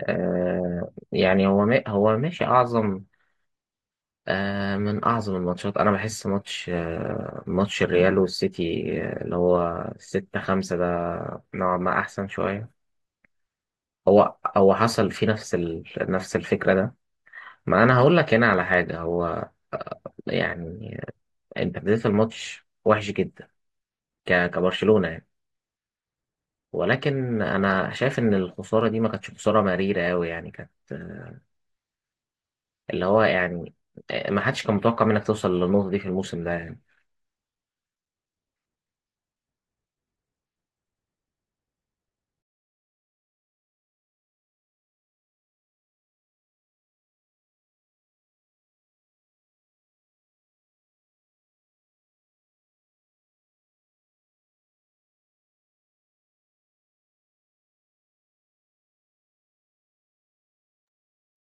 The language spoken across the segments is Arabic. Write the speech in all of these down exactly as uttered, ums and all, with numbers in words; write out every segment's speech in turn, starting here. آه يعني هو ما- هو ماشي أعظم، آه من أعظم الماتشات. أنا بحس ماتش آه ماتش الريال والسيتي، آه، اللي هو ستة خمسة ده. نوعا ما أحسن شوية. هو هو حصل فيه نفس ال... نفس الفكرة ده. ما أنا هقول لك هنا على حاجة. هو، آه، يعني انت بديت الماتش وحش جدا، ك- كبرشلونة يعني. ولكن انا شايف ان الخسارة دي ما كانتش خسارة مريرة قوي، يعني كانت، اللي هو يعني آه، ما حدش كان متوقع منك توصل للنقطة دي في الموسم ده يعني.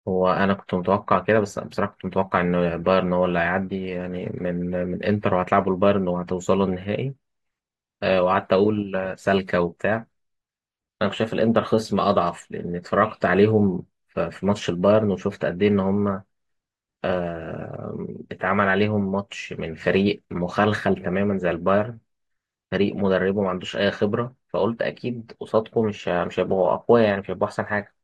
هو أنا كنت متوقع كده، بس بصراحة كنت متوقع إن بايرن هو اللي هيعدي، يعني من من إنتر، وهتلعبوا البايرن وهتوصلوا النهائي. آه، وقعدت أقول، آه، سالكة وبتاع. أنا شايف الإنتر خصم أضعف، لأن اتفرجت عليهم ف- في ماتش البايرن، وشفت قد إيه إن هم، آه، اتعمل عليهم ماتش من فريق مخلخل تماما زي البايرن. فريق مدربه ما عندوش أي خبرة، فقلت أكيد قصادكم مش مش هيبقوا أقوياء، يعني مش هيبقوا أحسن حاجة.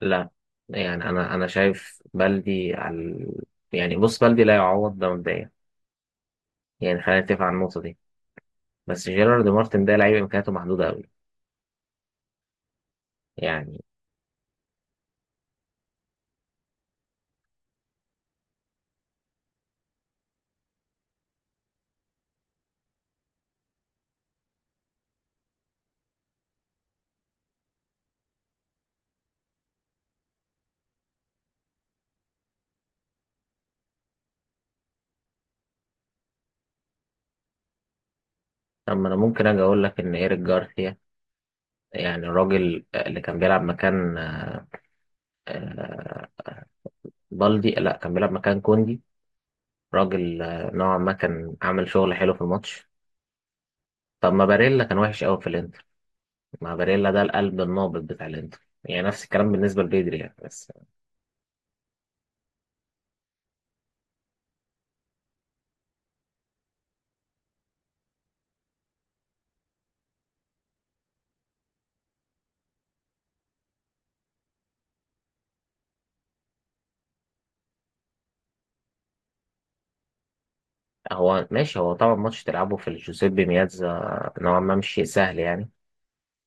لا، يعني انا انا شايف بلدي على، يعني بص بلدي لا يعوض ده مبدئيا. يعني خلينا نتفق على النقطه دي. بس جيرارد مارتن ده لعيب امكانياته محدوده قوي يعني. اما انا ممكن اجي اقول لك ان ايريك جارثيا، يعني الراجل اللي كان بيلعب مكان آه، آه، بالدي لا، كان بيلعب مكان كوندي. راجل، آه، نوعا ما كان عامل شغل حلو في الماتش. طب ما باريلا كان وحش قوي في الانتر. ما باريلا ده القلب النابض بتاع الانتر، يعني نفس الكلام بالنسبه لبيدري يعني بس. هو ماشي. هو طبعا ماتش تلعبه في الجوزيبي مياتزا نوعا ما مش شيء سهل يعني.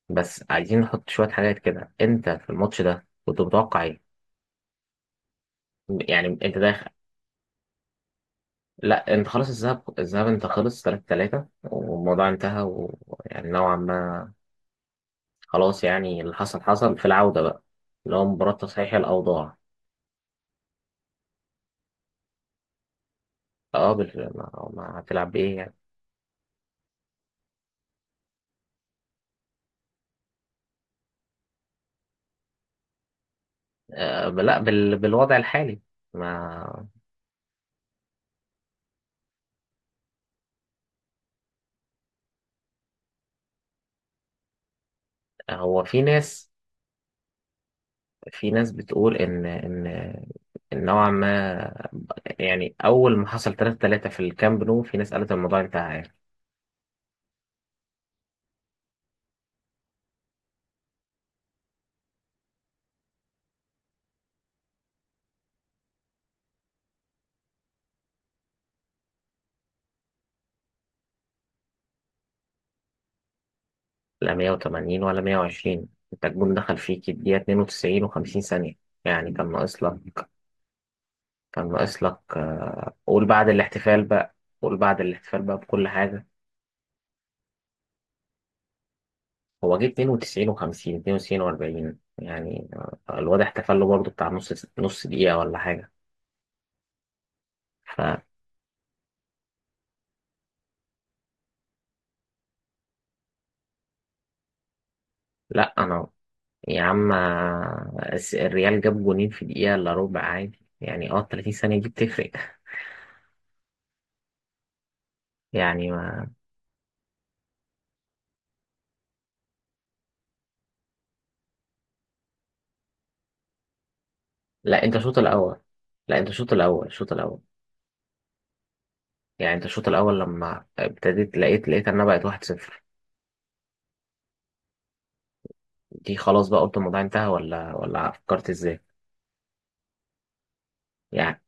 بس عايزين نحط شوية حاجات كده. انت في الماتش ده كنت متوقع ايه؟ يعني انت داخل. لا انت خلاص، الذهاب الذهاب انت خلص تلاتة تلاتة والموضوع انتهى، ويعني نوعا ما خلاص. يعني اللي حصل حصل في العودة بقى، اللي هو مباراة تصحيح الأوضاع. اه، بال... ما... ما هتلعب بإيه يعني؟ آه لا، بال... بالوضع الحالي. ما هو في ناس في ناس بتقول ان ان إن نوعا ما، يعني اول ما حصل تلاتة تلاتة في الكامب نو، في ناس قالت الموضوع انتهى يعني. لا مية وتمانين ولا مية وعشرين، انت الجون دخل فيك الدقيقه اتنين وتسعين و50 ثانيه. يعني كان ناقص لك. كان ناقص لك. قول بعد الاحتفال بقى. قول بعد الاحتفال بقى بكل حاجه. هو جه اتنين وتسعين و50، اتنين وتسعين و40 يعني. الواد احتفل له برضه بتاع نص نص دقيقه ولا حاجه. فلا. انا، يا عم، آه، الس- الريال جاب جونين في دقيقة إلا ربع عادي، يعني اه تلاتين ثانية دي بتفرق يعني ما... لا انت الشوط الأول. لا انت الشوط الأول، الشوط الأول يعني انت الشوط الأول لما ابتديت لقيت لقيت انها بقت واحد صفر. دي خلاص بقى، قلت الموضوع انتهى ولا ولا فكرت ازاي؟ يعني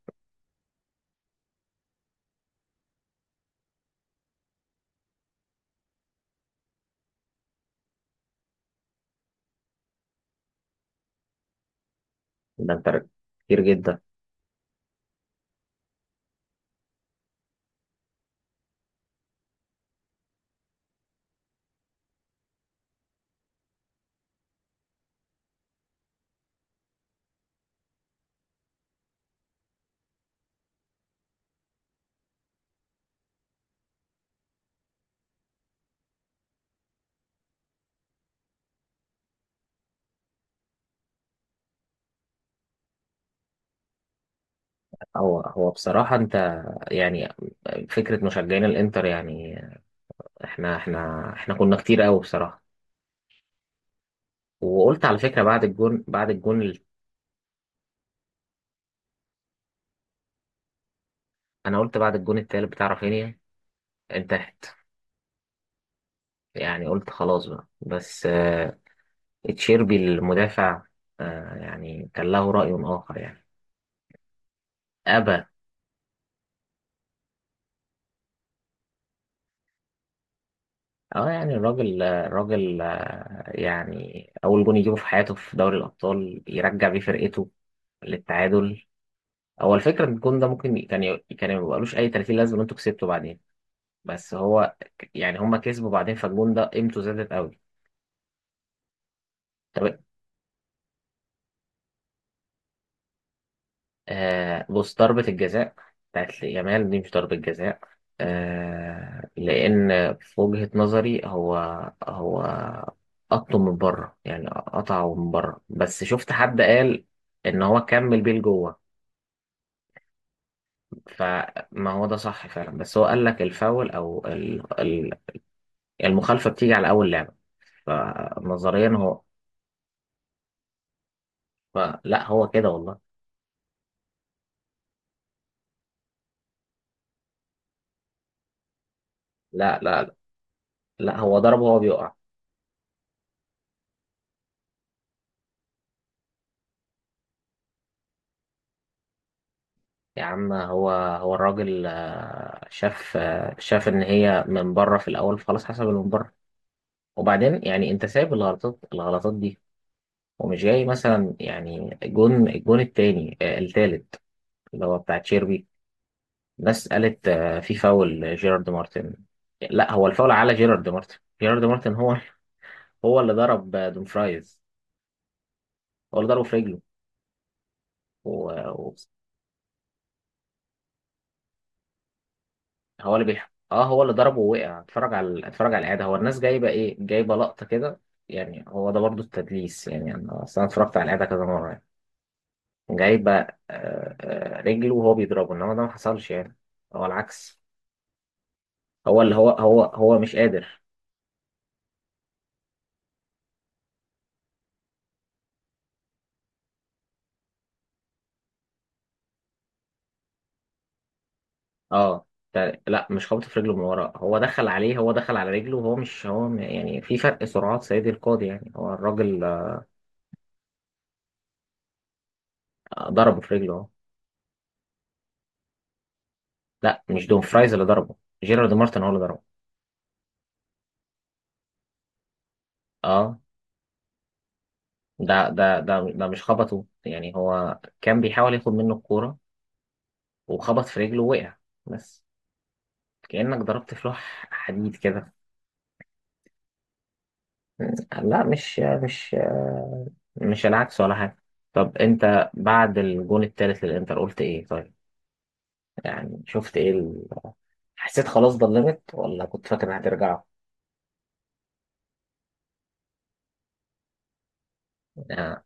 ده انت كتير جدا. هو هو بصراحة انت يعني، فكرة مشجعين الانتر يعني، احنا احنا احنا كنا كتير قوي بصراحة. وقلت على فكرة بعد الجون، بعد الجون انا قلت بعد الجون التالت بتاع رافينيا انتهت يعني. قلت خلاص بقى، بس آه تشيربي المدافع آه يعني كان له رأي آخر يعني. أبى. اه، يعني الراجل آه، الراجل آه، يعني أول جون يجيبه في حياته في دوري الأبطال، يرجع بيه فرقته للتعادل. هو الفكرة إن الجون ده ممكن ي- كان ي- كان ما بقالوش أي تلاتين لازمة إن أنتوا كسبتوا بعدين. بس هو ك- يعني هما كسبوا بعدين، فالجون ده قيمته زادت قوي. طب، آه بص، ضربة الجزاء بتاعت يامال دي مش ضربة جزاء. آه لأن في وجهة نظري هو هو قطه من بره، يعني قطعه من بره. بس شفت حد قال إن هو كمل بيه لجوه. فما هو ده صح فعلا، بس هو قال لك الفاول أو ال- ال- المخالفة بتيجي على أول لعبة. فنظريا هو. لا، هو كده والله. لا، لا، لا، هو ضربه هو بيقع. يا عم، هو هو الراجل، آه، شاف آه، شاف ان هي من بره في الاول. خلاص حسب اللي من بره. وبعدين يعني انت سايب الغلطات الغلطات دي، ومش جاي مثلا، يعني الجون الجون التاني، آه، التالت، اللي هو بتاع تشيربي. الناس قالت آه، في فاول جيرارد مارتن. لا، هو الفاول على جيرارد مارتن. جيرارد مارتن هو هو اللي ضرب آه، دومفرايز، هو اللي ضربه في رجله. هو اللي بيح... اه هو اللي ضربه ووقع. اتفرج على ال- اتفرج على الاعاده. هو الناس جايبه ايه؟ جايبه لقطه كده، يعني. هو ده برضو التدليس، يعني انا اصل انا اتفرجت على الاعاده كذا مره يعني. جايبه آه، آه، رجله وهو بيضربه، انما ده ما حصلش يعني. هو العكس. هو اللي هو هو هو مش قادر. اه، ف- لا، مش خبط في رجله من ورا. هو دخل عليه، هو دخل على رجله، وهو مش هو م- يعني في فرق سرعات سيدي القاضي يعني. هو الراجل آه، ضربه في رجله اهو. لا مش دومفرايز اللي ضربه، جيرارد مارتن هو اللي ضربه. اه، ده ده ده ده مش خبطه، يعني هو كان بيحاول ياخد منه الكورة، وخبط في رجله ووقع بس. كأنك ضربت في لوح حديد كده. لا، مش مش مش العكس ولا حاجة. طب انت بعد الجون التالت للانتر قلت ايه طيب؟ يعني شفت ايه ال... حسيت خلاص ضلمت، ولا كنت فاكر هترجعوا؟ آه.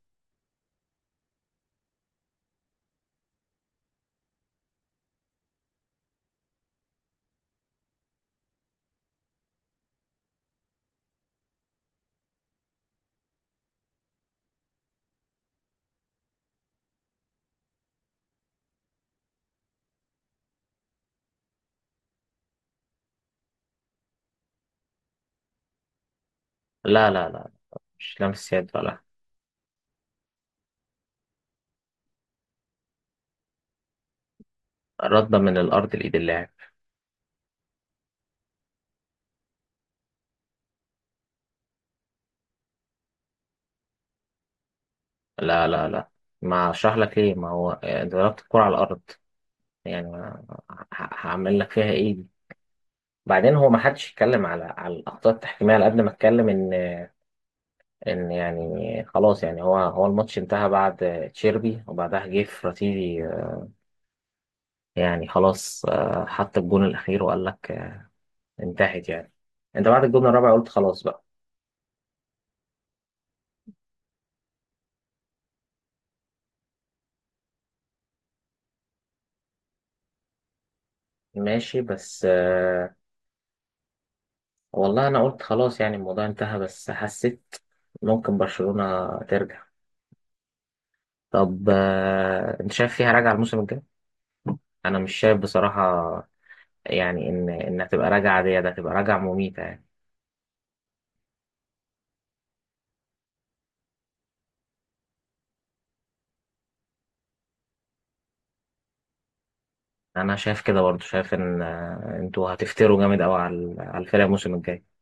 لا، لا، لا، مش لامس يد ولا. ردة من الارض لايد اللاعب. لا، لا، لا، ما اشرح لك ليه. ما هو آه، ضربت الكرة على الارض. يعني ما- ه- هعمل لك فيها ايه دي؟ بعدين، هو ما حدش يتكلم على على الاخطاء التحكيميه على قد ما اتكلم ان، ان يعني خلاص. يعني هو هو الماتش انتهى بعد تشيربي، وبعدها جه فراتيلي. يعني خلاص، آه، حط الجون الاخير وقال لك آه، انتهت يعني. انت بعد الجون الرابع قلت خلاص بقى. ماشي. بس آه، والله انا قلت خلاص يعني الموضوع انتهى، بس حسيت ممكن برشلونه ترجع. طب، آه، انت شايف فيها راجعه الموسم الجاي؟ انا مش شايف بصراحه. يعني ان انها تبقى راجعه دي، ده تبقى راجعه مميته يعني. انا شايف كده برضو، شايف ان آه، انتوا هتفتروا جامد قوي على على الفرقه الموسم الجاي.